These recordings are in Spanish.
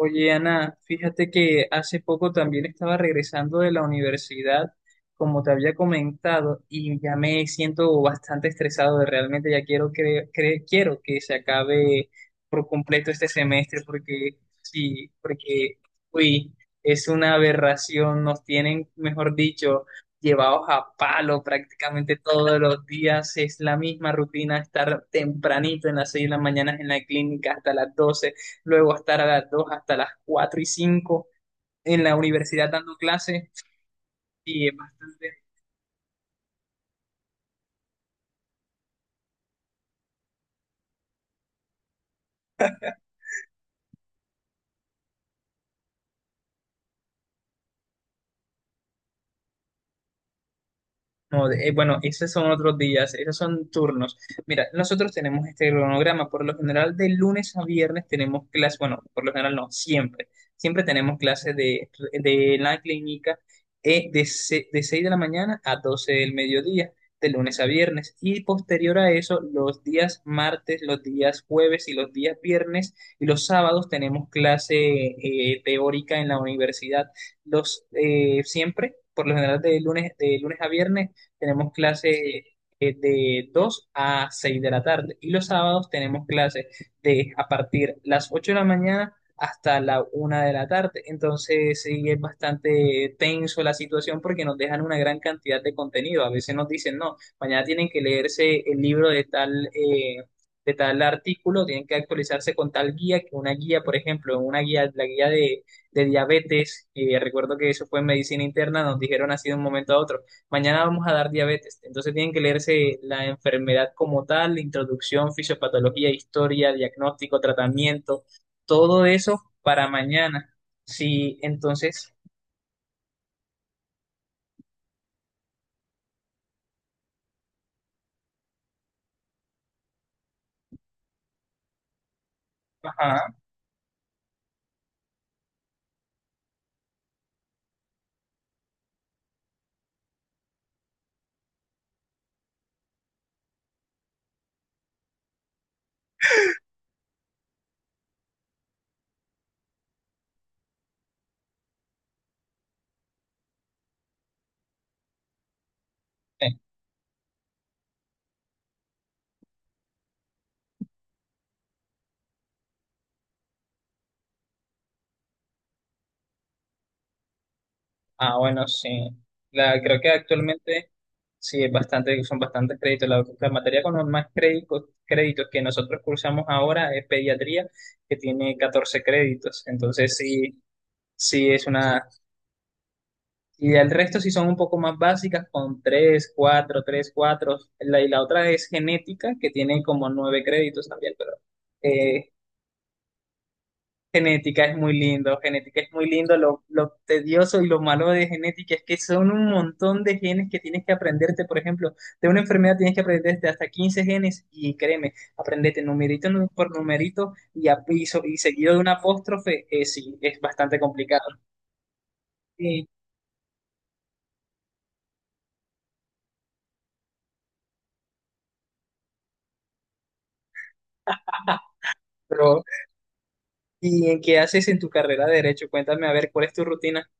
Oye, Ana, fíjate que hace poco también estaba regresando de la universidad, como te había comentado, y ya me siento bastante estresado de realmente ya quiero que, quiero que se acabe por completo este semestre porque sí, porque uy, es una aberración, nos tienen, mejor dicho, llevados a palo prácticamente todos los días, es la misma rutina, estar tempranito en las 6 de la mañana en la clínica hasta las doce, luego estar a las 2 hasta las 4 y 5 en la universidad dando clases y es bastante. No, bueno, esos son otros días, esos son turnos. Mira, nosotros tenemos este cronograma. Por lo general, de lunes a viernes tenemos clases, bueno, por lo general no, siempre. Siempre tenemos clases de la clínica, de 6 de la mañana a 12 del mediodía, de lunes a viernes. Y posterior a eso, los días martes, los días jueves y los días viernes y los sábados tenemos clase teórica en la universidad. Los siempre, por lo general de lunes a viernes, tenemos clase de 2 a 6 de la tarde y los sábados tenemos clases de a partir las 8 de la mañana hasta la una de la tarde. Entonces sí es bastante tenso la situación porque nos dejan una gran cantidad de contenido. A veces nos dicen, no, mañana tienen que leerse el libro de tal, de tal artículo, tienen que actualizarse con tal guía, que una guía, por ejemplo, una guía, la guía de diabetes, recuerdo que eso fue en medicina interna, nos dijeron así de un momento a otro, mañana vamos a dar diabetes. Entonces tienen que leerse la enfermedad como tal, introducción, fisiopatología, historia, diagnóstico, tratamiento, todo eso para mañana. Sí, entonces, ajá. eh, Ah, bueno, sí. Creo que actualmente sí es bastante, son bastantes créditos. La materia con los más créditos que nosotros cursamos ahora es pediatría, que tiene 14 créditos. Entonces sí, sí es una. Y el resto sí son un poco más básicas con 3 4 3 cuatro. Y la otra es genética, que tiene como 9 créditos también, pero eh, genética es muy lindo, genética es muy lindo. Lo tedioso y lo malo de genética es que son un montón de genes que tienes que aprenderte. Por ejemplo, de una enfermedad tienes que aprenderte hasta 15 genes y créeme, aprendete numerito por numerito y, y, y seguido de un apóstrofe, sí, es bastante complicado. Sí. Pero ¿y en qué haces en tu carrera de derecho? Cuéntame a ver cuál es tu rutina.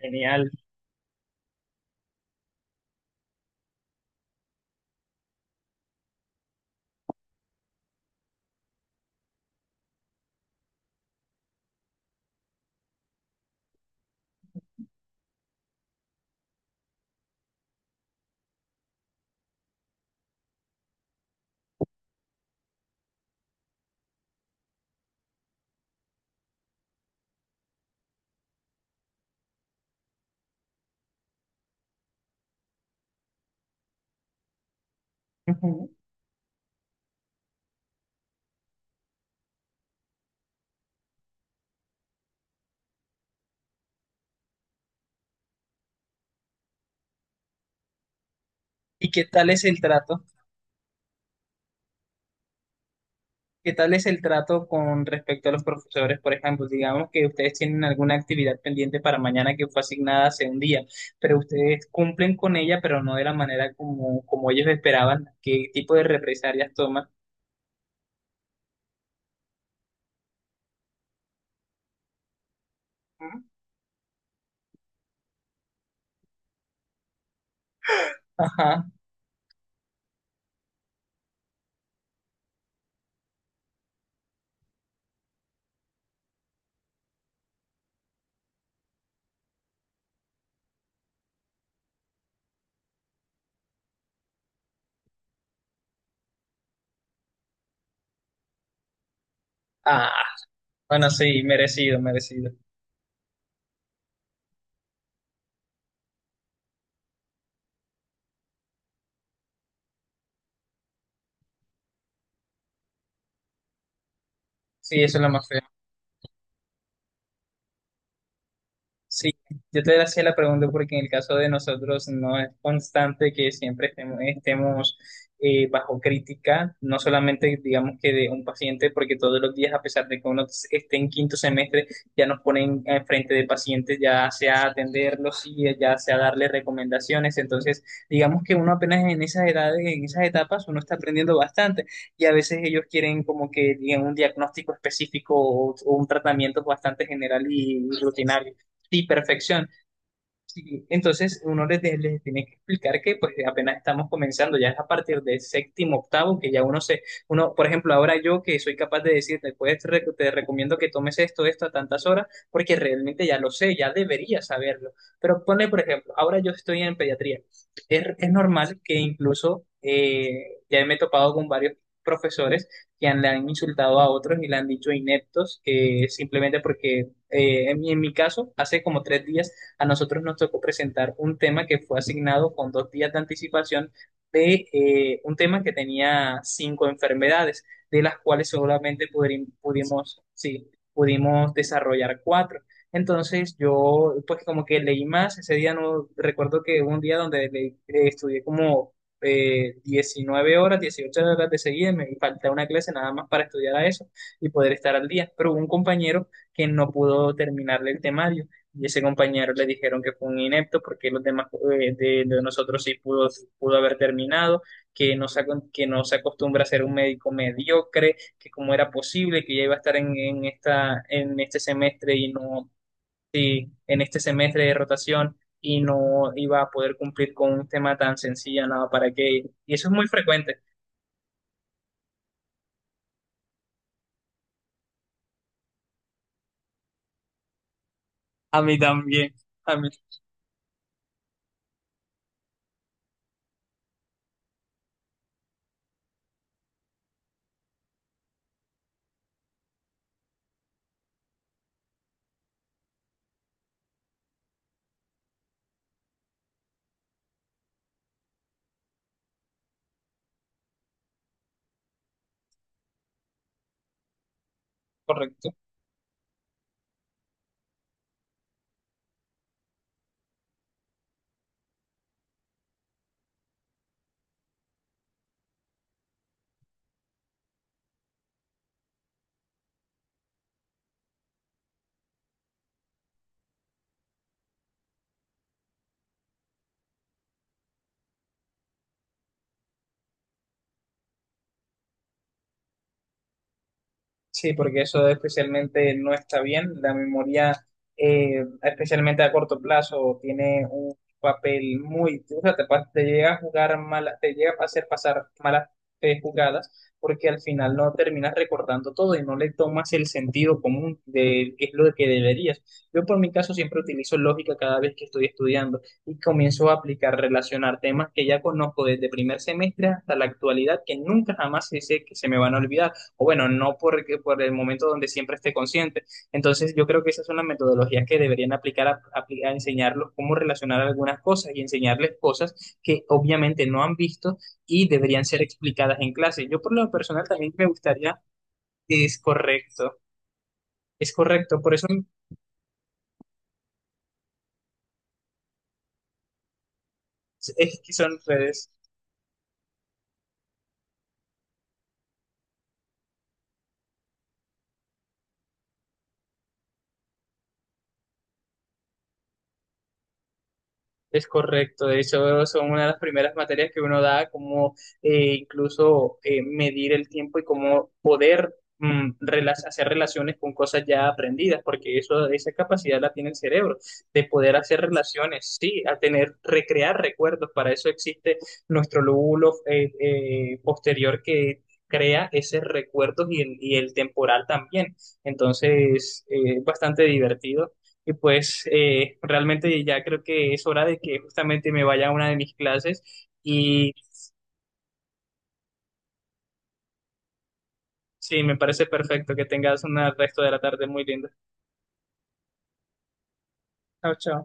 Genial. Ujú. ¿Y qué tal es el trato? ¿Qué tal es el trato con respecto a los profesores? Por ejemplo, digamos que ustedes tienen alguna actividad pendiente para mañana que fue asignada hace un día, pero ustedes cumplen con ella, pero no de la manera como, como ellos esperaban. ¿Qué tipo de represalias toman? Ujú. Ajá. Ah, bueno, sí, merecido, merecido. Sí, eso es lo más feo. Sí, yo te hacía la pregunta porque en el caso de nosotros no es constante que siempre estemos, bajo crítica, no solamente digamos que de un paciente, porque todos los días, a pesar de que uno esté en quinto semestre, ya nos ponen enfrente de pacientes, ya sea a atenderlos y ya sea a darle recomendaciones. Entonces, digamos que uno apenas en esas edades, en esas etapas, uno está aprendiendo bastante y a veces ellos quieren como que digan un diagnóstico específico o un tratamiento bastante general y rutinario. Sí, perfección. Sí, entonces uno les tiene que explicar que pues apenas estamos comenzando, ya es a partir del séptimo, octavo, que uno, por ejemplo, ahora yo que soy capaz de decirte, pues te recomiendo que tomes esto, esto a tantas horas, porque realmente ya lo sé, ya debería saberlo. Pero ponle, por ejemplo, ahora yo estoy en pediatría. Es normal que incluso ya me he topado con varios profesores que le han insultado a otros y le han dicho ineptos, que simplemente porque en mi caso, hace como tres días a nosotros nos tocó presentar un tema que fue asignado con dos días de anticipación de un tema que tenía cinco enfermedades, de las cuales solamente pudimos, sí, pudimos desarrollar cuatro. Entonces yo pues como que leí más, ese día no recuerdo que hubo un día estudié como 19 horas, 18 horas de seguida, y me faltaba una clase nada más para estudiar a eso y poder estar al día, pero hubo un compañero que no pudo terminarle el temario y ese compañero le dijeron que fue un inepto porque los demás de nosotros sí pudo, pudo haber terminado, que que no se acostumbra a ser un médico mediocre, que cómo era posible que ya iba a estar en este semestre y no, sí, en este semestre de rotación y no iba a poder cumplir con un tema tan sencillo, nada, para qué. Y eso es muy frecuente. A mí también, a mí, correcto. Sí, porque eso especialmente no está bien. La memoria, especialmente a corto plazo, tiene un papel muy. O sea, te llega a jugar mala, te llega a hacer pasar malas jugadas porque al final no terminas recordando todo y no le tomas el sentido común de qué es lo que deberías. Yo por mi caso siempre utilizo lógica cada vez que estoy estudiando y comienzo a aplicar, relacionar temas que ya conozco desde primer semestre hasta la actualidad que nunca jamás sé que se me van a olvidar, o bueno, no porque, por el momento donde siempre esté consciente. Entonces, yo creo que esas son las metodologías que deberían aplicar a enseñarlos cómo relacionar algunas cosas y enseñarles cosas que obviamente no han visto y deberían ser explicadas en clase. Yo por lo personal también me gustaría, es correcto, es correcto, por eso es que son redes. Es correcto, de hecho son una de las primeras materias que uno da, como incluso medir el tiempo y cómo poder hacer relaciones con cosas ya aprendidas, porque eso, esa capacidad la tiene el cerebro, de poder hacer relaciones, sí, a tener, recrear recuerdos, para eso existe nuestro lóbulo posterior que crea esos recuerdos y y el temporal también, entonces es bastante divertido y pues realmente ya creo que es hora de que justamente me vaya a una de mis clases y sí, me parece perfecto que tengas un resto de la tarde muy linda. Chao, chao.